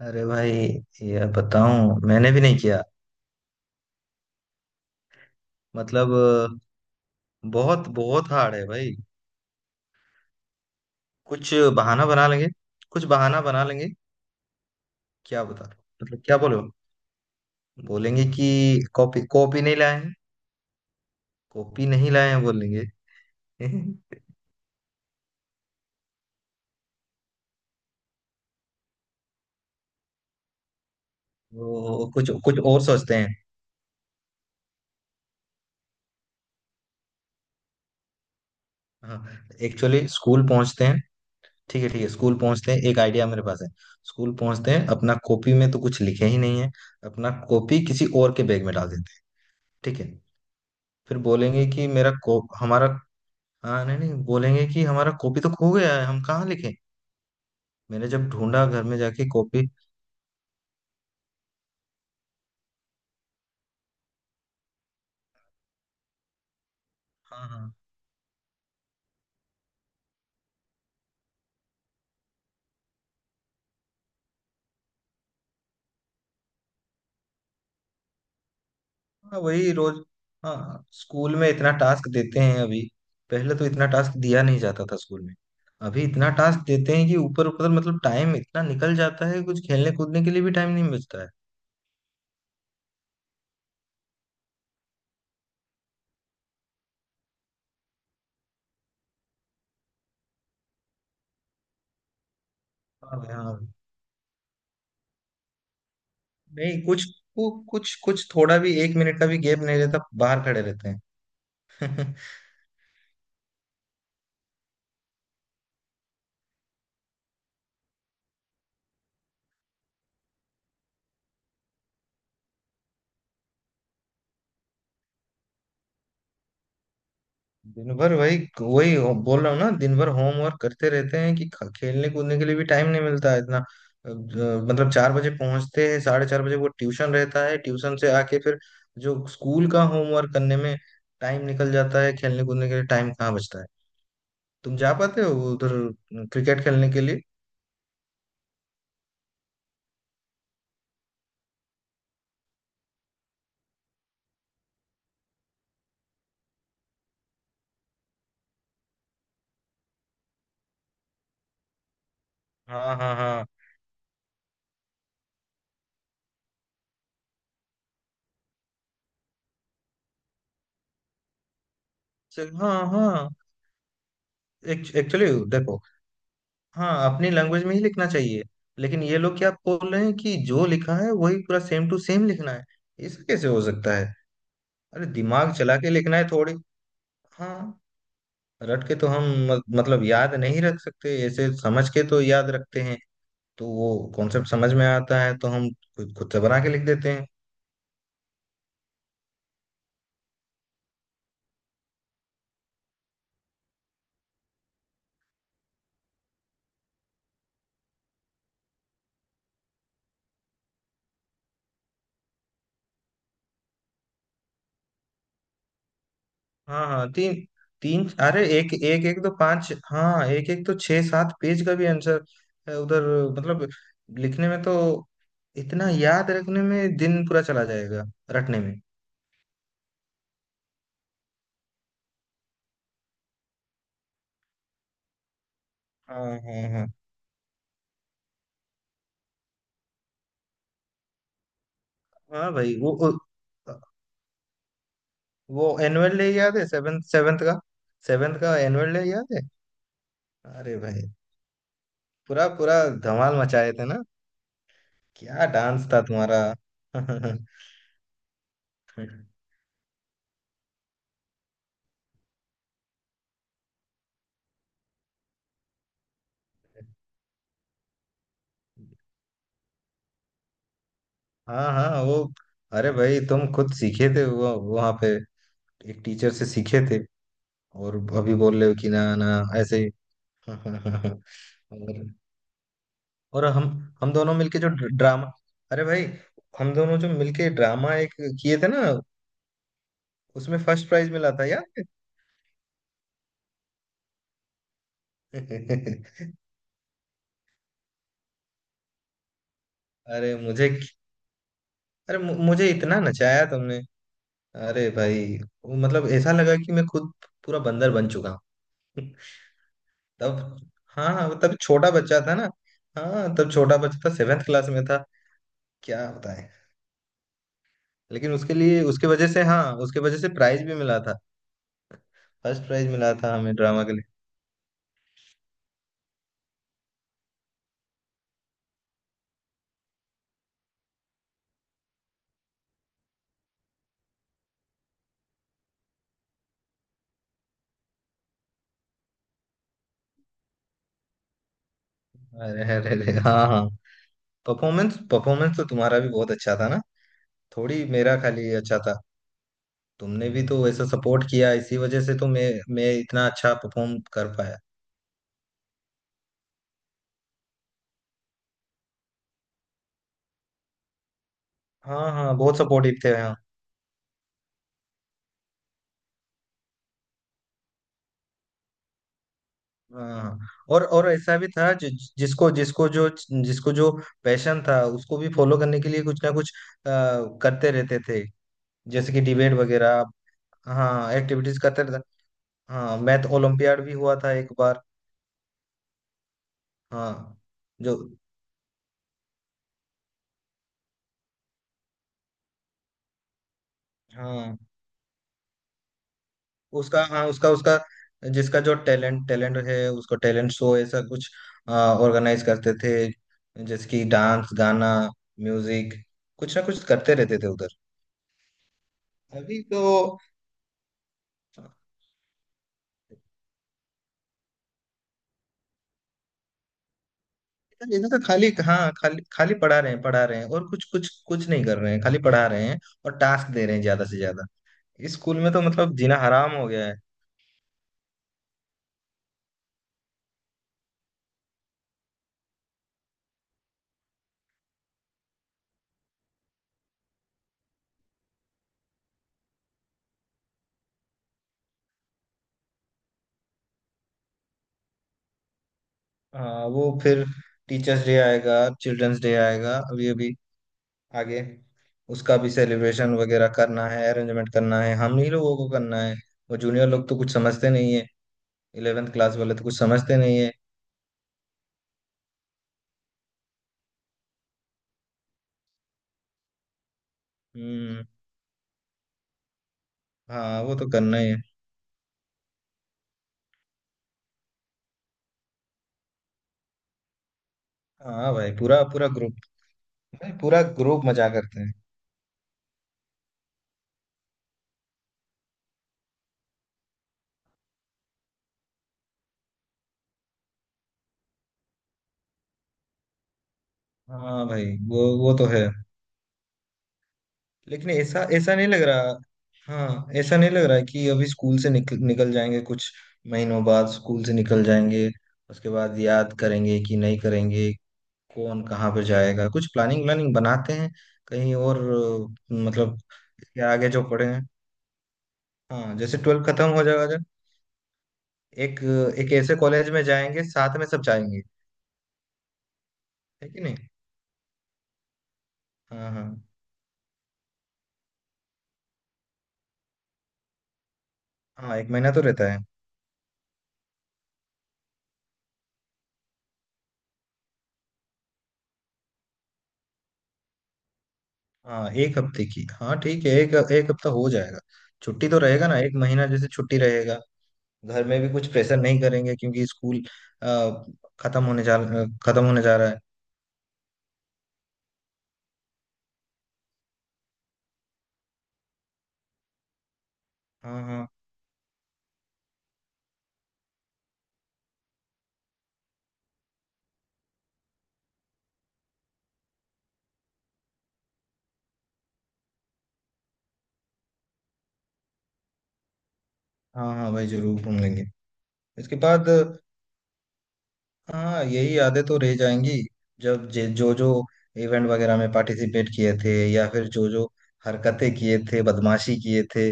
अरे भाई, ये बताऊं, मैंने भी नहीं किया। मतलब बहुत बहुत हार्ड है भाई। कुछ बहाना बना लेंगे, कुछ बहाना बना लेंगे। क्या बता। मतलब क्या बोलो। बोलेंगे कि कॉपी कॉपी नहीं लाए हैं। कॉपी नहीं लाए हैं बोलेंगे। वो कुछ कुछ और सोचते हैं। हाँ, एक्चुअली स्कूल पहुंचते हैं। ठीक है, ठीक है, स्कूल पहुंचते हैं, एक आइडिया मेरे पास है। स्कूल पहुंचते हैं, अपना कॉपी में तो कुछ लिखे ही नहीं है। अपना कॉपी किसी और के बैग में डाल देते हैं, ठीक है। फिर बोलेंगे कि मेरा को हमारा, हाँ, नहीं नहीं, बोलेंगे कि हमारा कॉपी तो खो गया है, हम कहाँ लिखें, मैंने जब ढूंढा घर में जाके कॉपी। हाँ हाँ हाँ, वही रोज। हाँ, स्कूल में इतना टास्क देते हैं अभी। पहले तो इतना टास्क दिया नहीं जाता था स्कूल में। अभी इतना टास्क देते हैं कि ऊपर ऊपर मतलब टाइम इतना निकल जाता है, कुछ खेलने कूदने के लिए भी टाइम नहीं बचता है। हाँ भाई, हाँ भाई। नहीं कुछ, कुछ थोड़ा भी, एक मिनट का भी गैप नहीं रहता, बाहर खड़े रहते हैं। दिन भर वही वही बोल रहा हूँ ना, दिन भर होमवर्क करते रहते हैं कि खेलने कूदने के लिए भी टाइम नहीं मिलता है इतना। मतलब 4 बजे पहुंचते हैं, 4:30 वो ट्यूशन रहता है, ट्यूशन से आके फिर जो स्कूल का होमवर्क करने में टाइम निकल जाता है, खेलने कूदने के लिए टाइम कहाँ बचता है। तुम जा पाते हो उधर क्रिकेट खेलने के लिए? हाँ हाँ हाँ, हाँ हाँ, एक्चुअली देखो, हाँ, अपनी लैंग्वेज में ही लिखना चाहिए। लेकिन ये लोग क्या बोल रहे हैं कि जो लिखा है वही पूरा सेम टू सेम लिखना है। ऐसा कैसे हो सकता है। अरे दिमाग चला के लिखना है थोड़ी। हाँ, रट के तो हम मतलब याद नहीं रख सकते, ऐसे समझ के तो याद रखते हैं। तो वो कॉन्सेप्ट समझ में आता है तो हम खुद खुद से बना के लिख देते हैं। हाँ हाँ, तीन तीन, अरे एक एक एक तो पांच, हाँ, एक एक तो छह सात पेज का भी आंसर है उधर। मतलब लिखने में तो, इतना याद रखने में दिन पूरा चला जाएगा, रटने में। हाँ हाँ हाँ। हाँ भाई, वो एनुअल डे याद है सेवेंथ सेवेंथ का, सेवेंथ का एनुअल डे याद है? अरे भाई, पूरा पूरा धमाल मचाए थे ना। क्या डांस था तुम्हारा। हाँ हाँ वो। अरे भाई, तुम खुद सीखे थे, वो वहां पे एक टीचर से सीखे थे, और अभी बोल रहे हो कि ना ना, ऐसे ही। और और हम दोनों मिलके जो ड्रामा, अरे भाई, हम दोनों जो मिलके ड्रामा एक किए थे ना, उसमें फर्स्ट प्राइज मिला था यार। अरे मुझे इतना नचाया तुमने, अरे भाई, वो मतलब ऐसा लगा कि मैं खुद पूरा बंदर बन चुका हूँ। तब, हाँ हाँ, तब छोटा बच्चा था ना, हाँ, तब छोटा बच्चा था, सेवेंथ क्लास में था। क्या बताएं। लेकिन उसके वजह से, हाँ, उसके वजह से प्राइज भी मिला था। फर्स्ट प्राइज मिला था हमें ड्रामा के लिए। अरे अरे अरे, हाँ हाँ। परफॉर्मेंस परफॉर्मेंस तो तुम्हारा भी बहुत अच्छा था ना। थोड़ी मेरा खाली अच्छा था, तुमने भी तो वैसा सपोर्ट किया, इसी वजह से तो मैं इतना अच्छा परफॉर्म कर पाया। हाँ हाँ, बहुत सपोर्टिव थे, हाँ हाँ हाँ। और ऐसा भी था, जिसको जिसको जो पैशन था, उसको भी फॉलो करने के लिए कुछ ना कुछ अ, करते रहते थे, जैसे कि डिबेट वगैरह, हाँ, एक्टिविटीज करते रहते। हाँ, मैथ ओलंपियाड भी हुआ था एक बार। हाँ, जो हाँ, उसका, हाँ, उसका उसका, जिसका जो टैलेंट टैलेंट है, उसको टैलेंट शो, ऐसा कुछ ऑर्गेनाइज करते थे, जैसे कि डांस, गाना, म्यूजिक, कुछ ना कुछ करते रहते थे उधर। अभी तो इधर तो खाली, हाँ, खाली खाली पढ़ा रहे हैं, और कुछ कुछ कुछ नहीं कर रहे हैं, खाली पढ़ा रहे हैं और टास्क दे रहे हैं ज्यादा से ज्यादा। इस स्कूल में तो मतलब जीना हराम हो गया है। हाँ, वो फिर टीचर्स डे आएगा, चिल्ड्रंस डे आएगा, अभी अभी आगे, उसका भी सेलिब्रेशन वगैरह करना है, अरेंजमेंट करना है, हम ही लोगों को करना है। वो जूनियर लोग तो कुछ समझते नहीं है, इलेवेंथ क्लास वाले तो कुछ समझते नहीं है। हम्म। हाँ, वो तो करना ही है। हाँ भाई, पूरा पूरा ग्रुप, भाई पूरा ग्रुप मजा करते हैं। हाँ भाई, वो तो है। लेकिन ऐसा ऐसा नहीं लग रहा, हाँ, ऐसा नहीं लग रहा है कि अभी स्कूल से निकल निकल जाएंगे। कुछ महीनों बाद स्कूल से निकल जाएंगे, उसके बाद याद करेंगे कि नहीं करेंगे। कौन कहाँ पर जाएगा, कुछ प्लानिंग व्लानिंग बनाते हैं कहीं और। मतलब इसके आगे जो पढ़े हैं, हाँ, जैसे ट्वेल्थ खत्म हो जाएगा जब, एक एक ऐसे कॉलेज में जाएंगे, साथ में सब जाएंगे, है कि नहीं? हाँ हाँ हाँ, एक महीना तो रहता है। हाँ, एक हफ्ते की, हाँ ठीक है, एक एक हफ्ता हो जाएगा। छुट्टी तो रहेगा ना, एक महीना जैसे छुट्टी रहेगा। घर में भी कुछ प्रेशर नहीं करेंगे, क्योंकि स्कूल अ, खत्म होने जा खत्म होने जा रहा है। हाँ हाँ हाँ, हाँ भाई जरूर घूम लेंगे इसके बाद। हाँ, यही यादें तो रह जाएंगी, जो जो इवेंट वगैरह में पार्टिसिपेट किए थे, या फिर जो जो हरकतें किए थे, बदमाशी किए थे,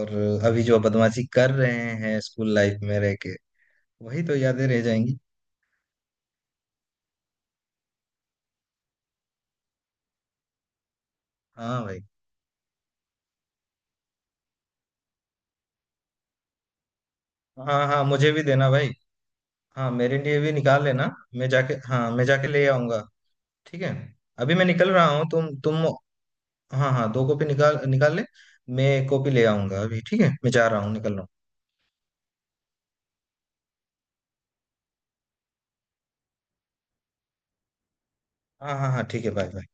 और अभी जो बदमाशी कर रहे हैं स्कूल लाइफ में रह के, वही तो यादें रह जाएंगी। हाँ भाई, हाँ हाँ, मुझे भी देना भाई, हाँ, मेरे लिए भी निकाल लेना। मैं जाके हाँ, मैं जाके ले आऊंगा। ठीक है, अभी मैं निकल रहा हूँ, तुम, हाँ हाँ, दो कॉपी निकाल निकाल ले। मैं एक कॉपी ले आऊंगा अभी, ठीक है, मैं जा रहा हूँ, निकल रहा हूँ। हाँ हाँ हाँ ठीक है, बाय बाय।